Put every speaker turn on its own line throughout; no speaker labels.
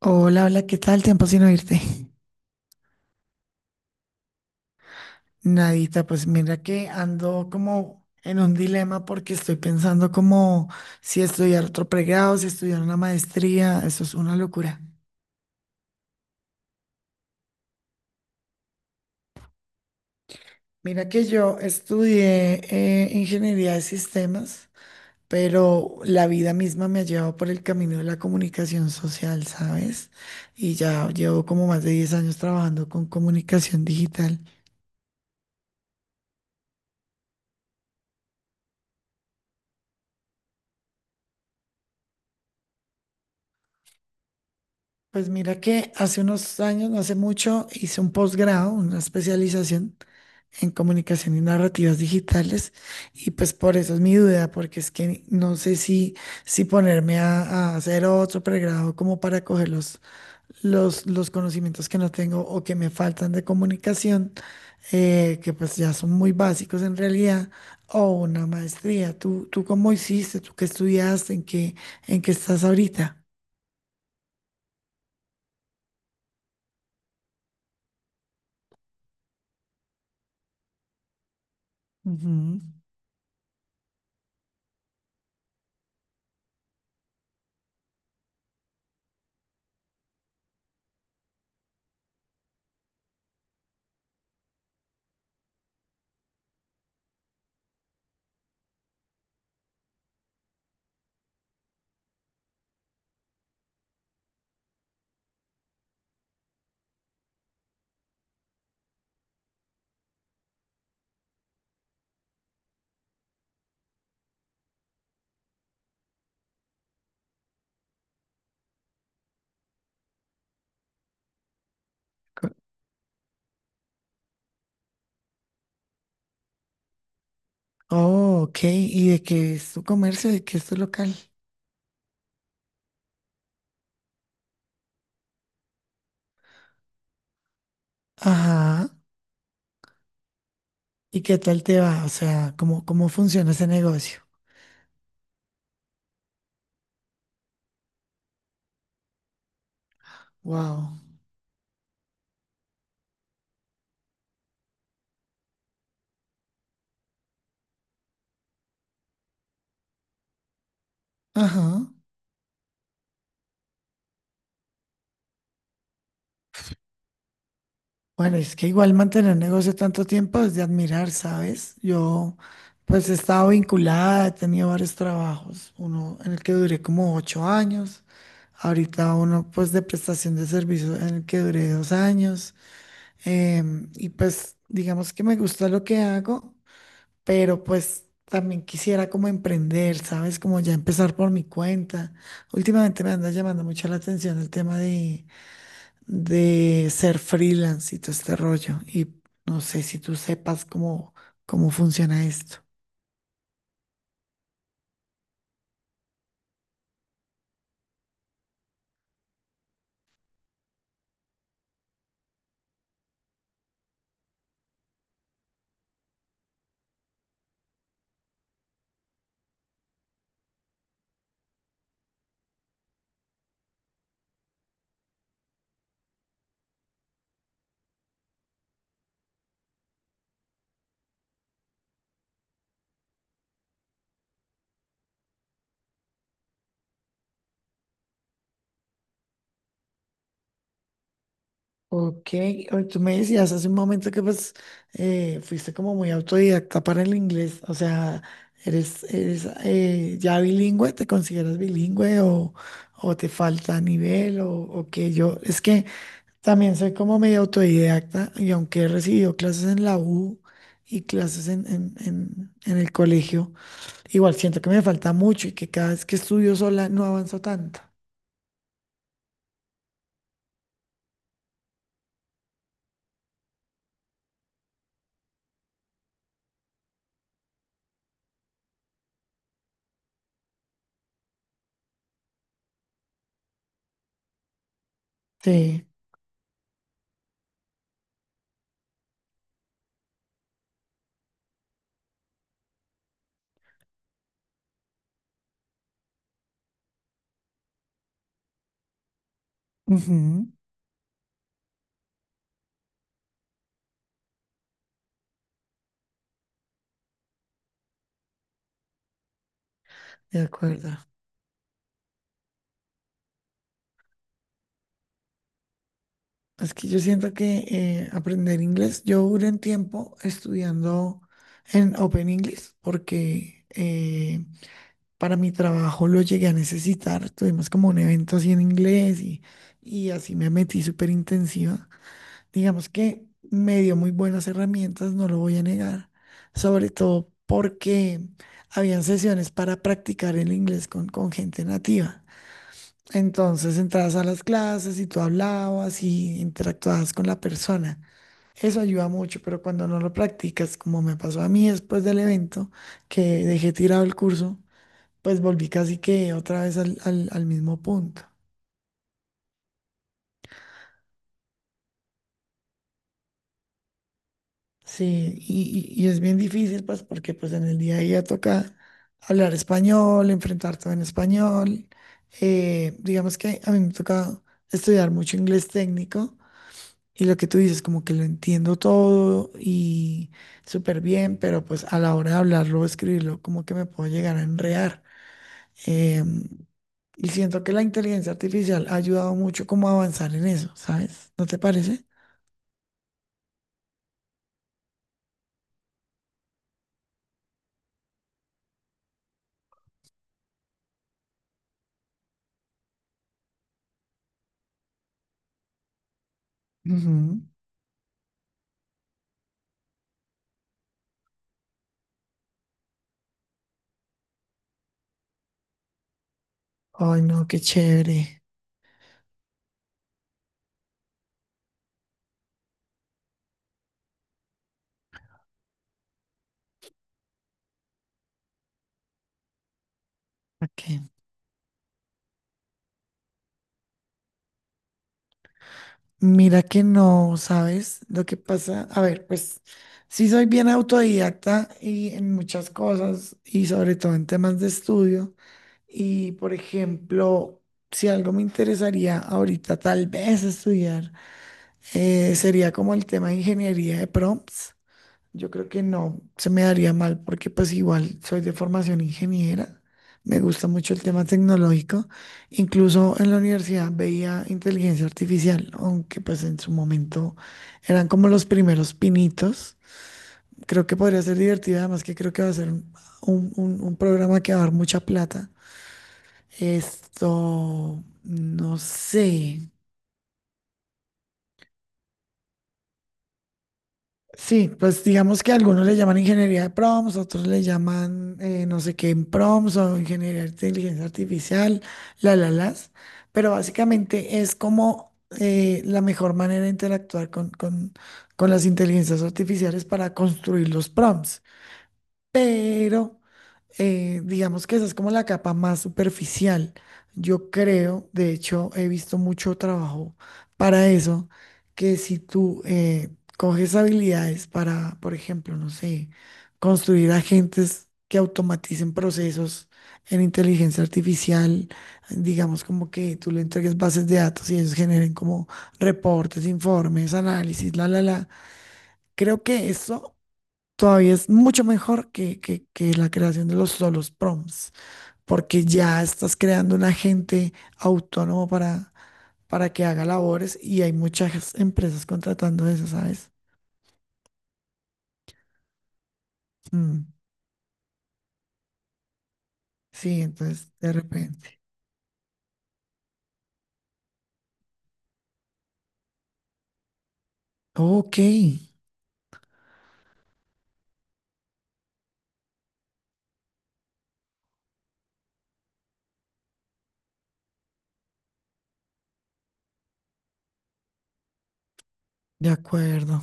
Hola, hola, ¿qué tal? Tiempo sin oírte. Nadita, pues mira que ando como en un dilema porque estoy pensando como si estudiar otro pregrado, si estudiar una maestría, eso es una locura. Mira que yo estudié ingeniería de sistemas, pero la vida misma me ha llevado por el camino de la comunicación social, ¿sabes? Y ya llevo como más de 10 años trabajando con comunicación digital. Pues mira que hace unos años, no hace mucho, hice un posgrado, una especialización en comunicación y narrativas digitales y pues por eso es mi duda, porque es que no sé si ponerme a hacer otro pregrado como para coger los conocimientos que no tengo o que me faltan de comunicación, que pues ya son muy básicos en realidad, o una maestría. ¿Tú cómo hiciste? ¿Tú qué estudiaste? En qué estás ahorita? Ujú. Oh, ok. ¿Y de qué es tu comercio? ¿De qué es tu local? Ajá. ¿Y qué tal te va? O sea, cómo funciona ese negocio? Wow. Ajá. Bueno, es que igual mantener negocio tanto tiempo es de admirar, ¿sabes? Yo, pues, he estado vinculada, he tenido varios trabajos. Uno en el que duré como 8 años. Ahorita uno, pues, de prestación de servicios en el que duré 2 años. Y pues, digamos que me gusta lo que hago, pero pues también quisiera como emprender, ¿sabes? Como ya empezar por mi cuenta. Últimamente me anda llamando mucho la atención el tema de ser freelance y todo este rollo. Y no sé si tú sepas cómo funciona esto. Ok, tú me decías hace un momento que pues fuiste como muy autodidacta para el inglés, o sea, eres ya bilingüe, ¿te consideras bilingüe o te falta nivel o qué? Yo, es que también soy como medio autodidacta y aunque he recibido clases en la U y clases en, en el colegio, igual siento que me falta mucho y que cada vez que estudio sola no avanzo tanto. Sí. Ujú. De acuerdo. Es que yo siento que aprender inglés, yo duré un tiempo estudiando en Open English porque para mi trabajo lo llegué a necesitar. Tuvimos como un evento así en inglés y así me metí súper intensiva. Digamos que me dio muy buenas herramientas, no lo voy a negar, sobre todo porque habían sesiones para practicar el inglés con gente nativa. Entonces entrabas a las clases y tú hablabas y interactuabas con la persona. Eso ayuda mucho, pero cuando no lo practicas, como me pasó a mí después del evento, que dejé tirado el curso, pues volví casi que otra vez al mismo punto. Sí, y es bien difícil, pues, porque pues en el día a día toca hablar español, enfrentar todo en español. Digamos que a mí me toca estudiar mucho inglés técnico y lo que tú dices, como que lo entiendo todo y súper bien, pero pues a la hora de hablarlo o escribirlo, como que me puedo llegar a enredar. Em, y siento que la inteligencia artificial ha ayudado mucho como a avanzar en eso, ¿sabes? ¿No te parece? Ujú. Ay, no, qué chévere. Ok. Mira que no, ¿sabes? Lo que pasa, a ver, pues sí soy bien autodidacta y en muchas cosas y sobre todo en temas de estudio. Y por ejemplo, si algo me interesaría ahorita tal vez estudiar, sería como el tema de ingeniería de prompts. Yo creo que no, se me daría mal porque pues igual soy de formación ingeniera, me gusta mucho el tema tecnológico, incluso en la universidad veía inteligencia artificial, aunque pues en su momento eran como los primeros pinitos. Creo que podría ser divertido, además que creo que va a ser un programa que va a dar mucha plata. Esto, no sé. Sí, pues digamos que algunos le llaman ingeniería de prompts, otros le llaman no sé qué en prompts o ingeniería de inteligencia artificial, las. Pero básicamente es como la mejor manera de interactuar con las inteligencias artificiales para construir los prompts. Pero digamos que esa es como la capa más superficial. Yo creo, de hecho, he visto mucho trabajo para eso, que si tú coges habilidades para, por ejemplo, no sé, construir agentes que automaticen procesos en inteligencia artificial, digamos como que tú le entregues bases de datos y ellos generen como reportes, informes, análisis, la. Creo que eso todavía es mucho mejor que la creación de los solos prompts, porque ya estás creando un agente autónomo para que haga labores y hay muchas empresas contratando eso, ¿sabes? Mm, sí, entonces de repente. Ok, de acuerdo.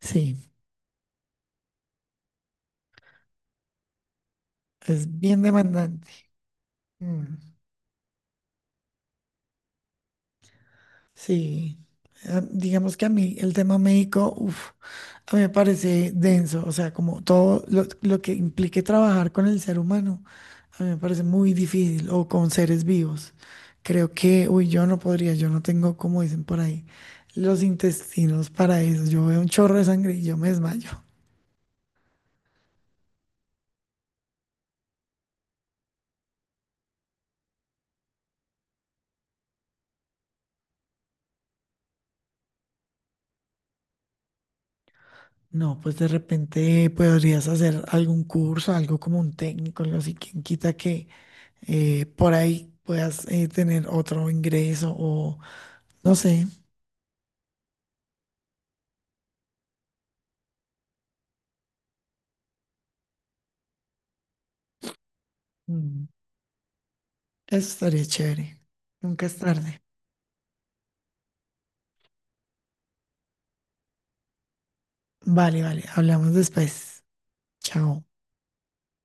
Sí, es bien demandante. Mm. Sí, ah, digamos que a mí el tema médico, uf, a mí me parece denso, o sea, como todo lo que implique trabajar con el ser humano, a mí me parece muy difícil, o con seres vivos. Creo que, uy, yo no podría, yo no tengo, como dicen por ahí, los intestinos para eso. Yo veo un chorro de sangre y yo me desmayo. No, pues de repente podrías hacer algún curso, algo como un técnico, algo así, quien quita que por ahí puedas tener otro ingreso. No sé. Mm. Eso estaría chévere. Nunca es tarde. Vale, vale. Hablamos después. Chao.